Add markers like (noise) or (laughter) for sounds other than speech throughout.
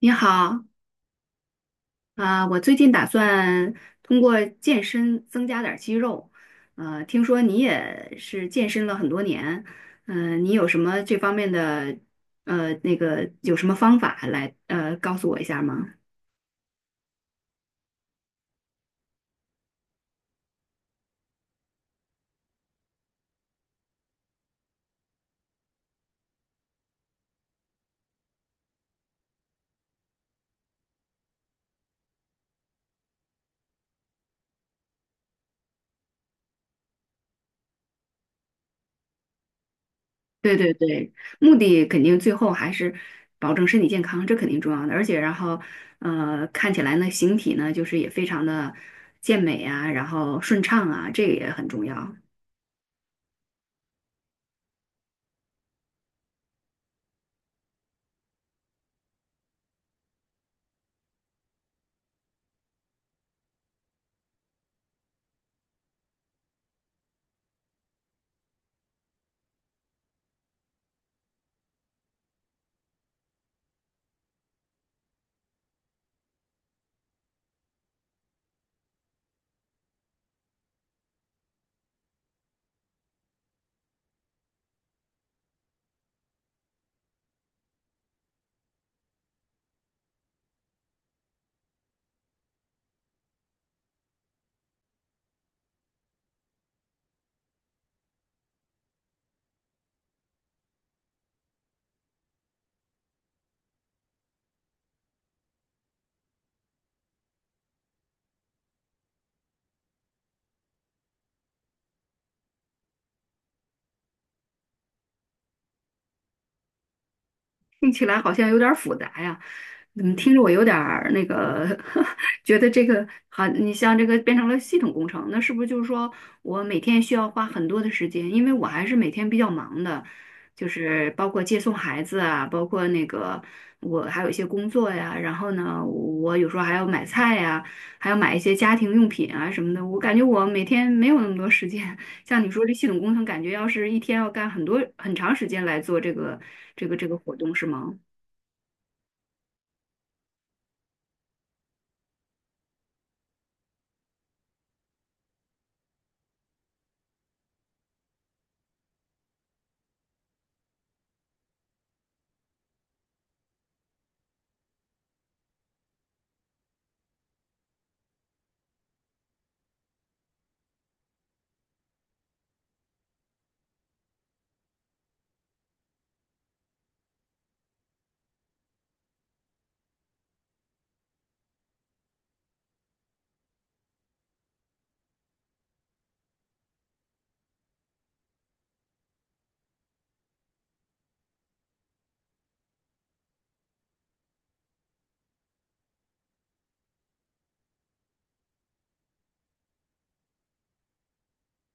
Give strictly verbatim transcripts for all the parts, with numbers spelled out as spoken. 你好，啊、我最近打算通过健身增加点儿肌肉，呃，听说你也是健身了很多年，嗯、你有什么这方面的，呃，那个有什么方法来，呃，告诉我一下吗？对对对，目的肯定最后还是保证身体健康，这肯定重要的，而且然后，呃，看起来呢，形体呢，就是也非常的健美啊，然后顺畅啊，这个也很重要。听起来好像有点儿复杂呀，怎么听着我有点儿那个，(laughs) 觉得这个好，你像这个变成了系统工程，那是不是就是说我每天需要花很多的时间？因为我还是每天比较忙的，就是包括接送孩子啊，包括那个我还有一些工作呀，然后呢，我有时候还要买菜呀，还要买一些家庭用品啊什么的，我感觉我每天没有那么多时间，像你说这系统工程，感觉要是一天要干很多很长时间来做这个这个这个活动，是吗？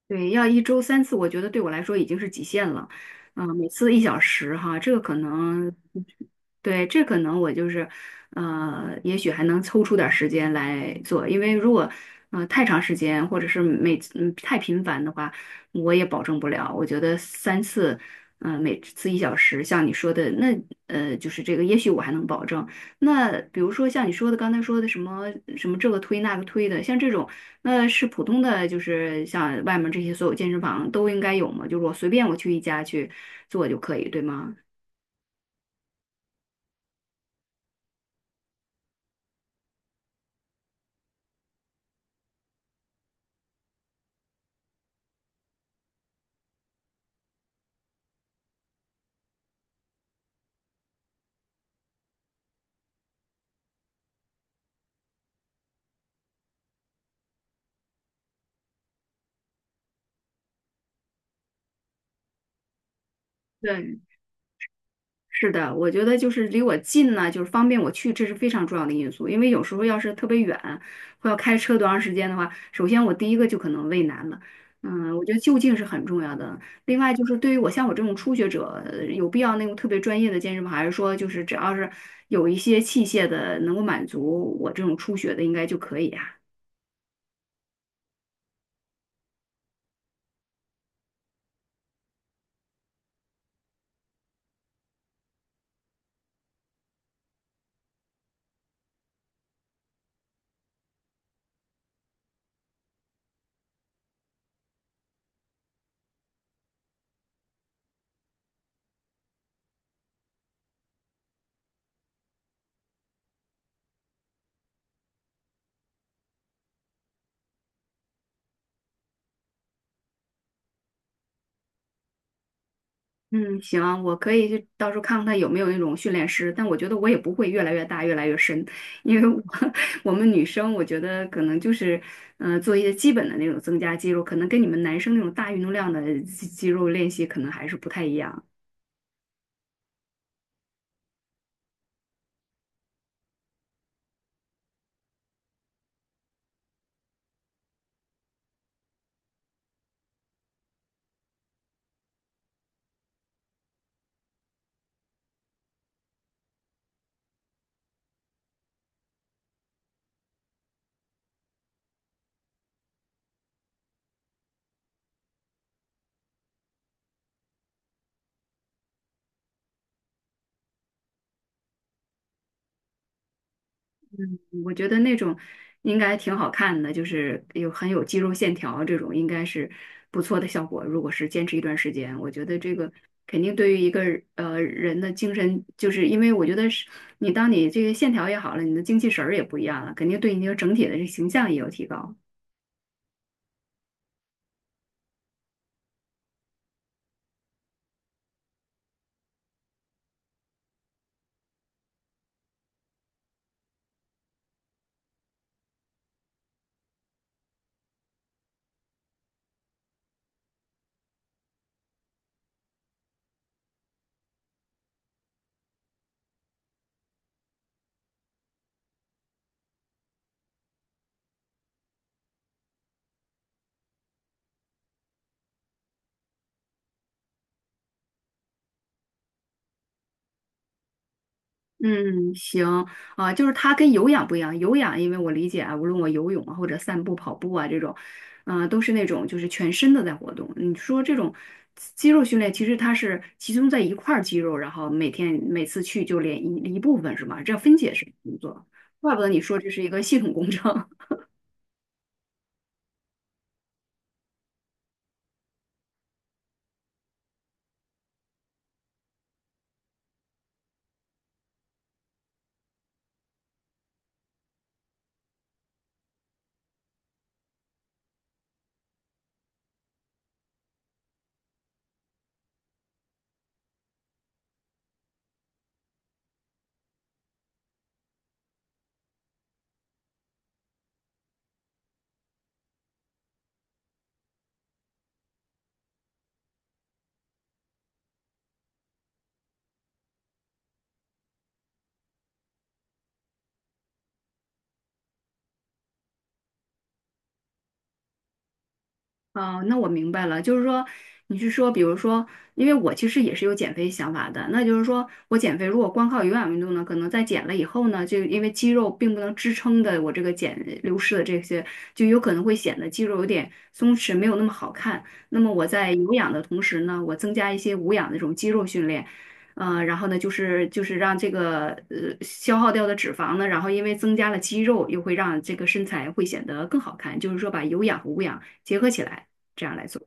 对，要一周三次，我觉得对我来说已经是极限了。嗯、每次一小时哈，这个可能，对，这可能我就是，呃，也许还能抽出点儿时间来做，因为如果，嗯，太长时间或者是每次嗯太频繁的话，我也保证不了。我觉得三次，嗯、每次一小时，像你说的，那呃，就是这个，也许我还能保证。那比如说像你说的，刚才说的什么什么这个推那个推的，像这种。那是普通的，就是像外面这些所有健身房都应该有吗？就是我随便我去一家去做就可以，对吗？对，是的，我觉得就是离我近呢，就是方便我去，这是非常重要的因素。因为有时候要是特别远，或要开车多长时间的话，首先我第一个就可能畏难了。嗯，我觉得就近是很重要的。另外就是对于我像我这种初学者，呃有必要那种特别专业的健身房，还是说就是只要是有一些器械的能够满足我这种初学的，应该就可以啊？嗯，行，我可以去到时候看看他有没有那种训练师，但我觉得我也不会越来越大、越来越深，因为我 (laughs) 我们女生，我觉得可能就是，呃，做一些基本的那种增加肌肉，可能跟你们男生那种大运动量的肌肌肉练习可能还是不太一样。我觉得那种应该挺好看的，就是有很有肌肉线条这种，应该是不错的效果。如果是坚持一段时间，我觉得这个肯定对于一个呃人的精神，就是因为我觉得是你当你这个线条也好了，你的精气神儿也不一样了，肯定对你这个整体的这形象也有提高。嗯，行啊，就是它跟有氧不一样。有氧，因为我理解啊，无论我游泳啊，或者散步、跑步啊这种，嗯、都是那种就是全身的在活动。你说这种肌肉训练，其实它是集中在一块儿肌肉，然后每天每次去就练一一部分是吗？这样分解式工作，怪不得你说这是一个系统工程。哦，那我明白了，就是说，你是说，比如说，因为我其实也是有减肥想法的，那就是说我减肥如果光靠有氧运动呢，可能在减了以后呢，就因为肌肉并不能支撑的我这个减流失的这些，就有可能会显得肌肉有点松弛，没有那么好看。那么我在有氧的同时呢，我增加一些无氧的这种肌肉训练。呃，然后呢，就是就是让这个呃消耗掉的脂肪呢，然后因为增加了肌肉，又会让这个身材会显得更好看，就是说把有氧和无氧结合起来。这样来做。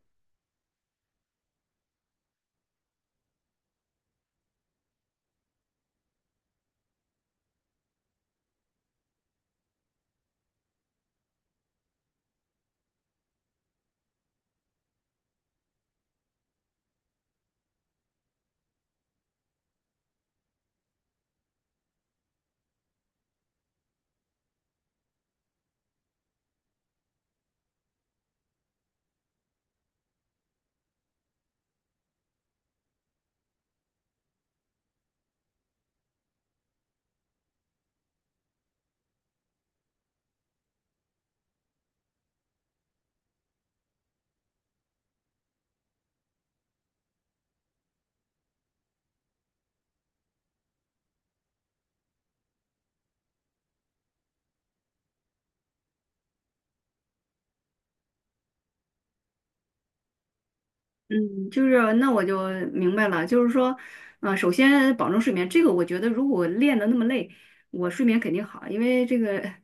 嗯，就是那我就明白了，就是说，呃，首先保证睡眠，这个我觉得如果练的那么累，我睡眠肯定好，因为这个，呃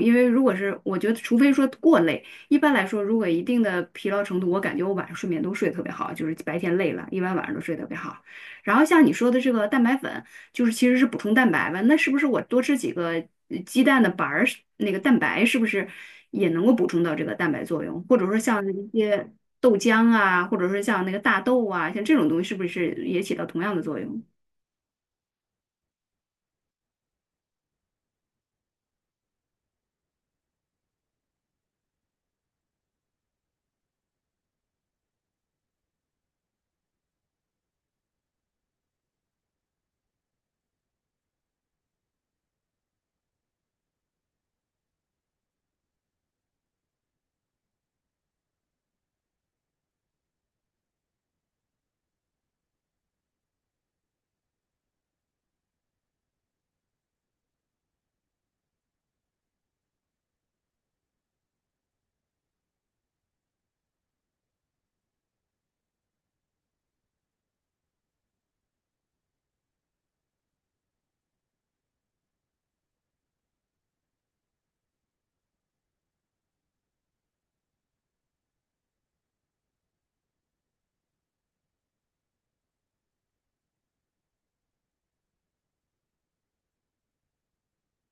因为如果是我觉得，除非说过累，一般来说，如果一定的疲劳程度，我感觉我晚上睡眠都睡得特别好，就是白天累了，一般晚上都睡得特别好。然后像你说的这个蛋白粉。就是其实是补充蛋白吧。那是不是我多吃几个呃鸡蛋的白儿，那个蛋白是不是也能够补充到这个蛋白作用？或者说像一些豆浆啊，或者说像那个大豆啊，像这种东西，是不是也起到同样的作用？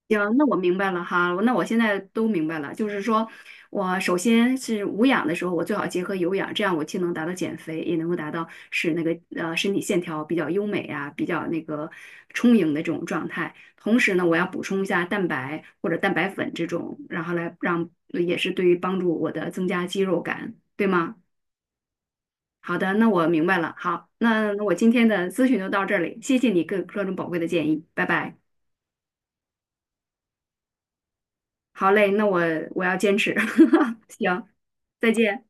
行，那我明白了哈，那我现在都明白了，就是说我首先是无氧的时候，我最好结合有氧，这样我既能达到减肥，也能够达到使那个呃身体线条比较优美啊，比较那个充盈的这种状态。同时呢，我要补充一下蛋白或者蛋白粉这种，然后来让呃也是对于帮助我的增加肌肉感，对吗？好的，那我明白了。好，那那我今天的咨询就到这里，谢谢你各各种宝贵的建议，拜拜。好嘞，那我我要坚持。(laughs) 行，再见。